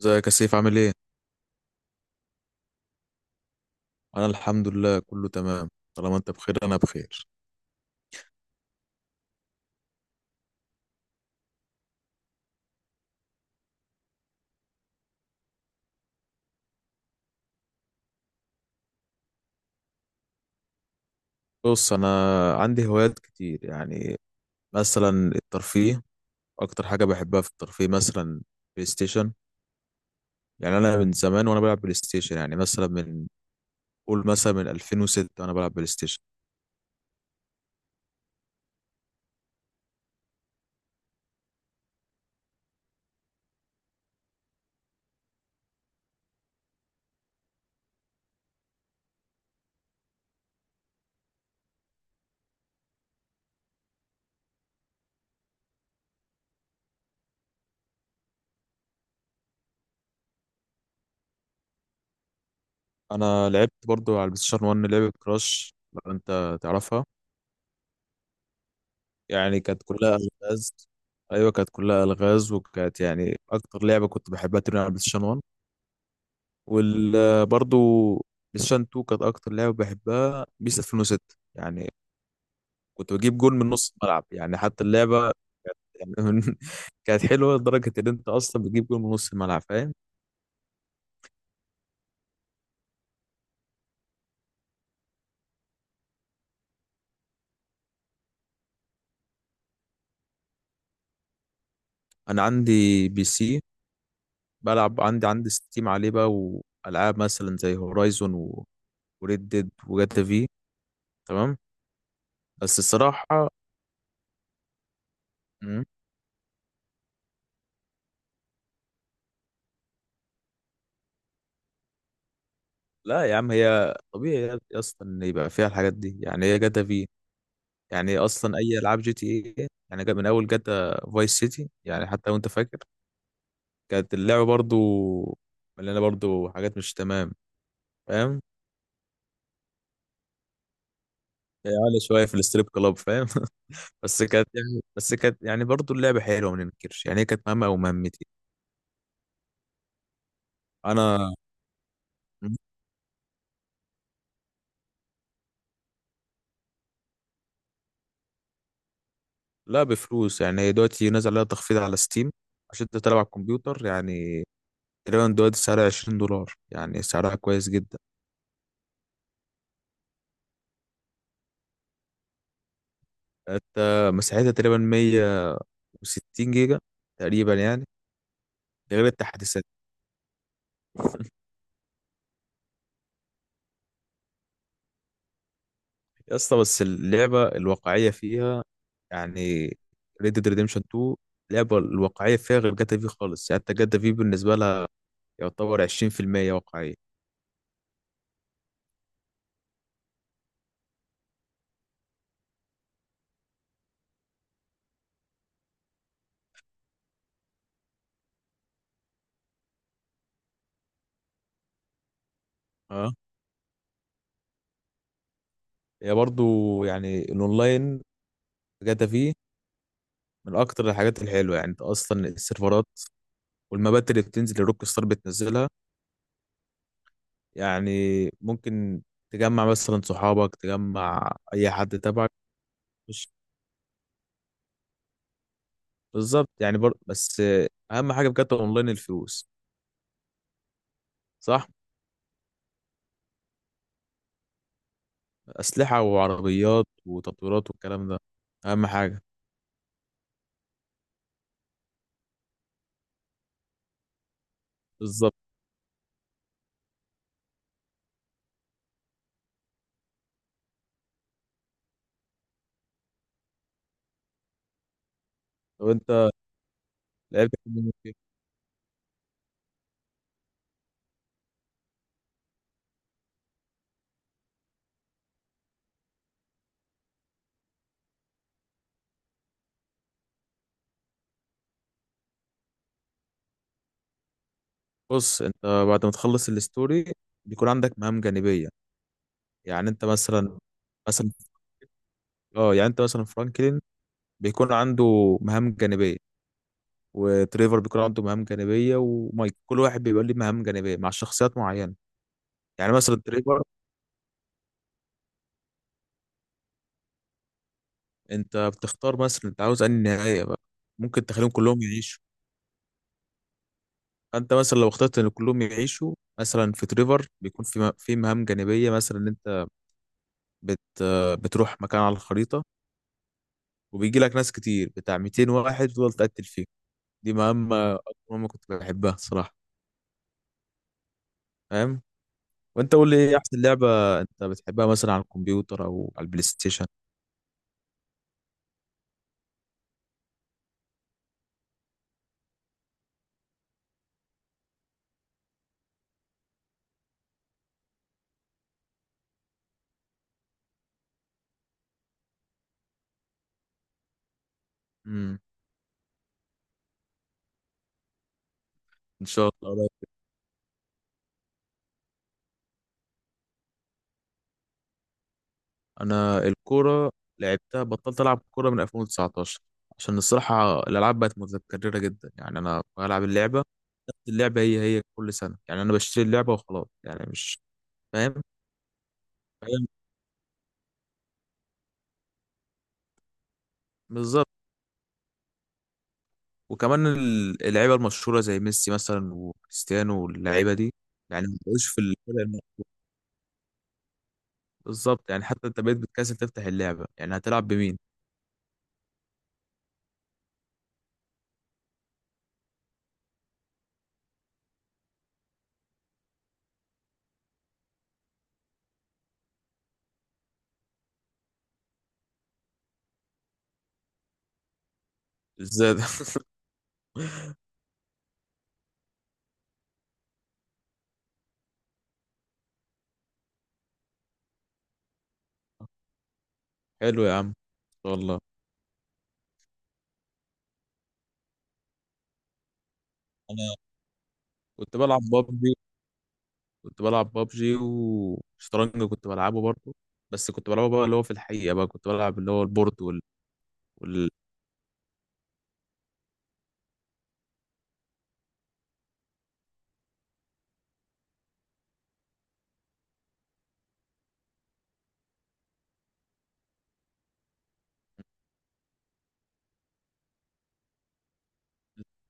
ازيك يا سيف؟ عامل ايه؟ انا الحمد لله، كله تمام. طالما انت بخير انا بخير. بص، انا عندي هوايات كتير يعني. مثلا الترفيه، اكتر حاجة بحبها في الترفيه مثلا بلاي ستيشن. يعني انا من زمان وانا بلعب بلاي ستيشن، يعني مثلا قول مثلا من 2006 وانا بلعب بلاي ستيشن. انا لعبت برضو على البلاي ستيشن 1 لعبة كراش، لو انت تعرفها. يعني كانت كلها الغاز. ايوه، كانت كلها الغاز، وكانت يعني اكتر لعبة كنت بحبها تلعب على البلاي ستيشن. وبرضو بلايستيشن 2 كانت اكتر لعبه بحبها، بيس 2006 يعني. كنت بجيب جول من نص الملعب، يعني حتى اللعبه يعني كانت حلوه لدرجه ان انت اصلا بتجيب جول من نص الملعب، فاهم. انا عندي بي سي، بلعب عندي ستيم عليه بقى. والعاب مثلا زي هورايزون و... وريد ديد وجاتا في، تمام. بس الصراحه مم. لا يا عم، هي طبيعي يا اسطى ان يبقى فيها الحاجات دي. يعني هي جاتا في، يعني اصلا اي العاب جي تي اي، يعني من اول جاتا فايس سيتي، يعني حتى لو انت فاكر، كانت اللعبه برضو مليانه برضو حاجات مش تمام. فاهم، يعني عالية شويه في الستريب كلاب، فاهم بس كانت يعني برضو اللعبه حلوه، ما ننكرش. يعني هي كانت مهمه او مهمتي. انا لا، بفلوس. يعني هي دلوقتي نازل عليها تخفيض على ستيم، عشان انت تلعب على الكمبيوتر يعني. تقريبا دلوقتي سعرها 20 دولار، يعني سعرها كويس جدا. انت مساحتها تقريبا 160 جيجا تقريبا يعني، غير التحديثات. يا اسطى، بس اللعبه الواقعيه فيها يعني، ريد ديد ريديمشن 2، اللعبه الواقعيه فيها غير جاتا في خالص. يعني حتى جاتا في بالنسبه لها يعتبر 20% واقعيه. اه. هي برضو يعني الاونلاين، جاتا في من اكتر الحاجات الحلوه. يعني انت اصلا السيرفرات والمبات اللي بتنزل الروك ستار بتنزلها، يعني ممكن تجمع مثلا صحابك، تجمع اي حد تبعك. مش- بالظبط يعني بس اهم حاجه في جاتا اونلاين الفلوس، صح. أسلحة وعربيات وتطويرات والكلام ده أهم حاجة. بالظبط. لو أنت لعبت كوميونيتي- بص، أنت بعد ما تخلص الستوري بيكون عندك مهام جانبية. يعني أنت مثلا، مثلا اه، يعني أنت مثلا فرانكلين بيكون عنده مهام جانبية، وتريفر بيكون عنده مهام جانبية، ومايك، كل واحد بيبقى ليه مهام جانبية مع شخصيات معينة. يعني مثلا تريفر، أنت بتختار مثلا أنت عاوز أنهي نهاية بقى. ممكن تخليهم كلهم يعيشوا. انت مثلا لو اخترت ان كلهم يعيشوا، مثلا في تريفر بيكون في في مهام جانبيه، مثلا ان انت بت بتروح مكان على الخريطه، وبيجي لك ناس كتير بتاع 200 واحد تفضل تقتل فيهم. دي مهمه، اكتر مهمه كنت بحبها صراحه، فاهم. وانت قول لي ايه احسن لعبه انت بتحبها مثلا على الكمبيوتر او على البلاي ستيشن؟ امم ان شاء الله. انا الكوره لعبتها، بطلت العب كوره من 2019، عشان الصراحه الالعاب بقت متكرره جدا. يعني انا بلعب اللعبه، نفس اللعبه هي هي كل سنه. يعني انا بشتري اللعبه وخلاص، يعني مش فاهم. فاهم، بالظبط. وكمان اللعيبه المشهوره زي ميسي مثلا وكريستيانو واللعيبه دي، يعني ما بقوش في الفرق. بالظبط، يعني حتى انت بقيت بتكسل تفتح اللعبه، يعني هتلعب بمين؟ ازاي ده حلو يا عم، والله. انا كنت بلعب بابجي، وشطرنج كنت بلعبه برضه. بس كنت بلعبه بقى، اللي هو في الحقيقة بقى كنت بلعب اللي هو البورد وال...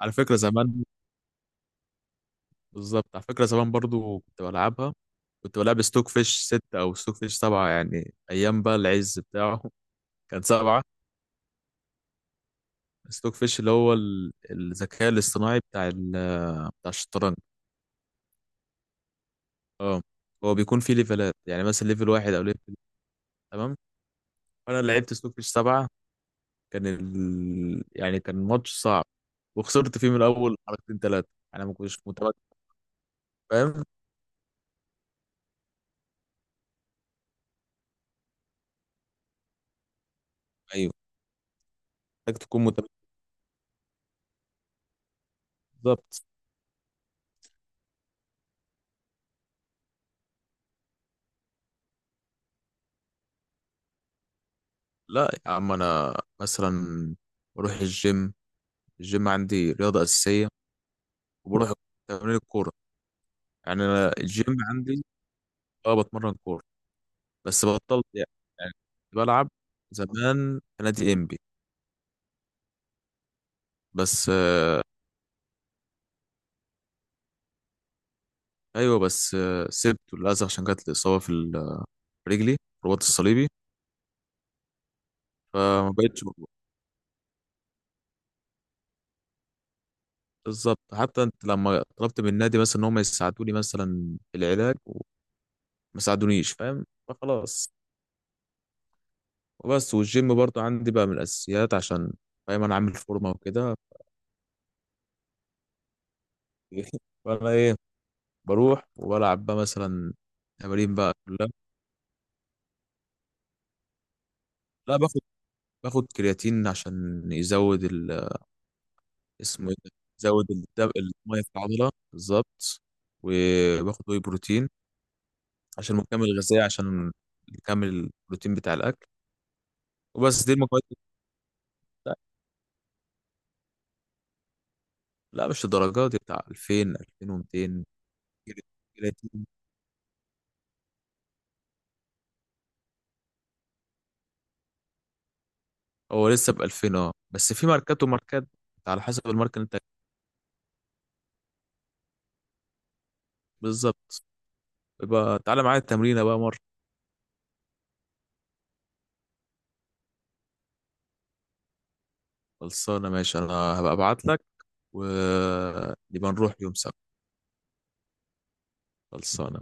على فكرة زمان، بالظبط على فكرة زمان برضه كنت بلعبها. كنت بلعب ستوك فيش ستة أو ستوك فيش سبعة، يعني أيام بقى العز بتاعه كان سبعة. ستوك فيش اللي هو الذكاء الاصطناعي بتاع الشطرنج. اه. هو بيكون فيه ليفلات، يعني مثلا ليفل واحد أو ليفل. تمام. فأنا لعبت ستوك فيش سبعة، كان يعني كان ماتش صعب، وخسرت فيه من الاول حركتين ثلاثه. انا ما كنتش متمكن، فاهم. ايوه، محتاج تكون متمكن، بالظبط. لا يا عم، انا مثلا بروح الجيم. الجيم عندي رياضه اساسيه. وبروح تمرين الكوره، يعني انا الجيم عندي. اه، بتمرن كوره. بس بطلت يعني، يعني كنت بلعب زمان في نادي انبي، بس ايوه بس سبته للاسف عشان جات لي اصابه في في رجلي، رباط الصليبي. فما بقتش. بالظبط، حتى انت لما طلبت من النادي مثلا ان هم يساعدوني مثلا في العلاج، وما ساعدونيش، فاهم، فخلاص. وبس، والجيم برضو عندي بقى من الاساسيات، عشان فاهم انا عامل فورمه وكده فانا ايه، بروح وبلعب بقى مثلا تمارين بقى كلها. لا، باخد كرياتين عشان يزود اسمه ايه ده؟ يزود الدم، الميه في العضله، بالظبط. وباخد واي بروتين عشان مكمل غذائي، عشان نكمل البروتين بتاع الاكل. وبس دي المكونات. لا، مش الدرجات دي، بتاع 2000 2200. جيلاتين. هو لسه ب 2000. اه، بس في ماركات وماركات، انت على حسب الماركة اللي انت. بالظبط. يبقى تعالى معايا التمرينة بقى مرة. خلصانة، ماشي. انا هبقى ابعت لك ونبقى نروح يوم سبت. خلصانة.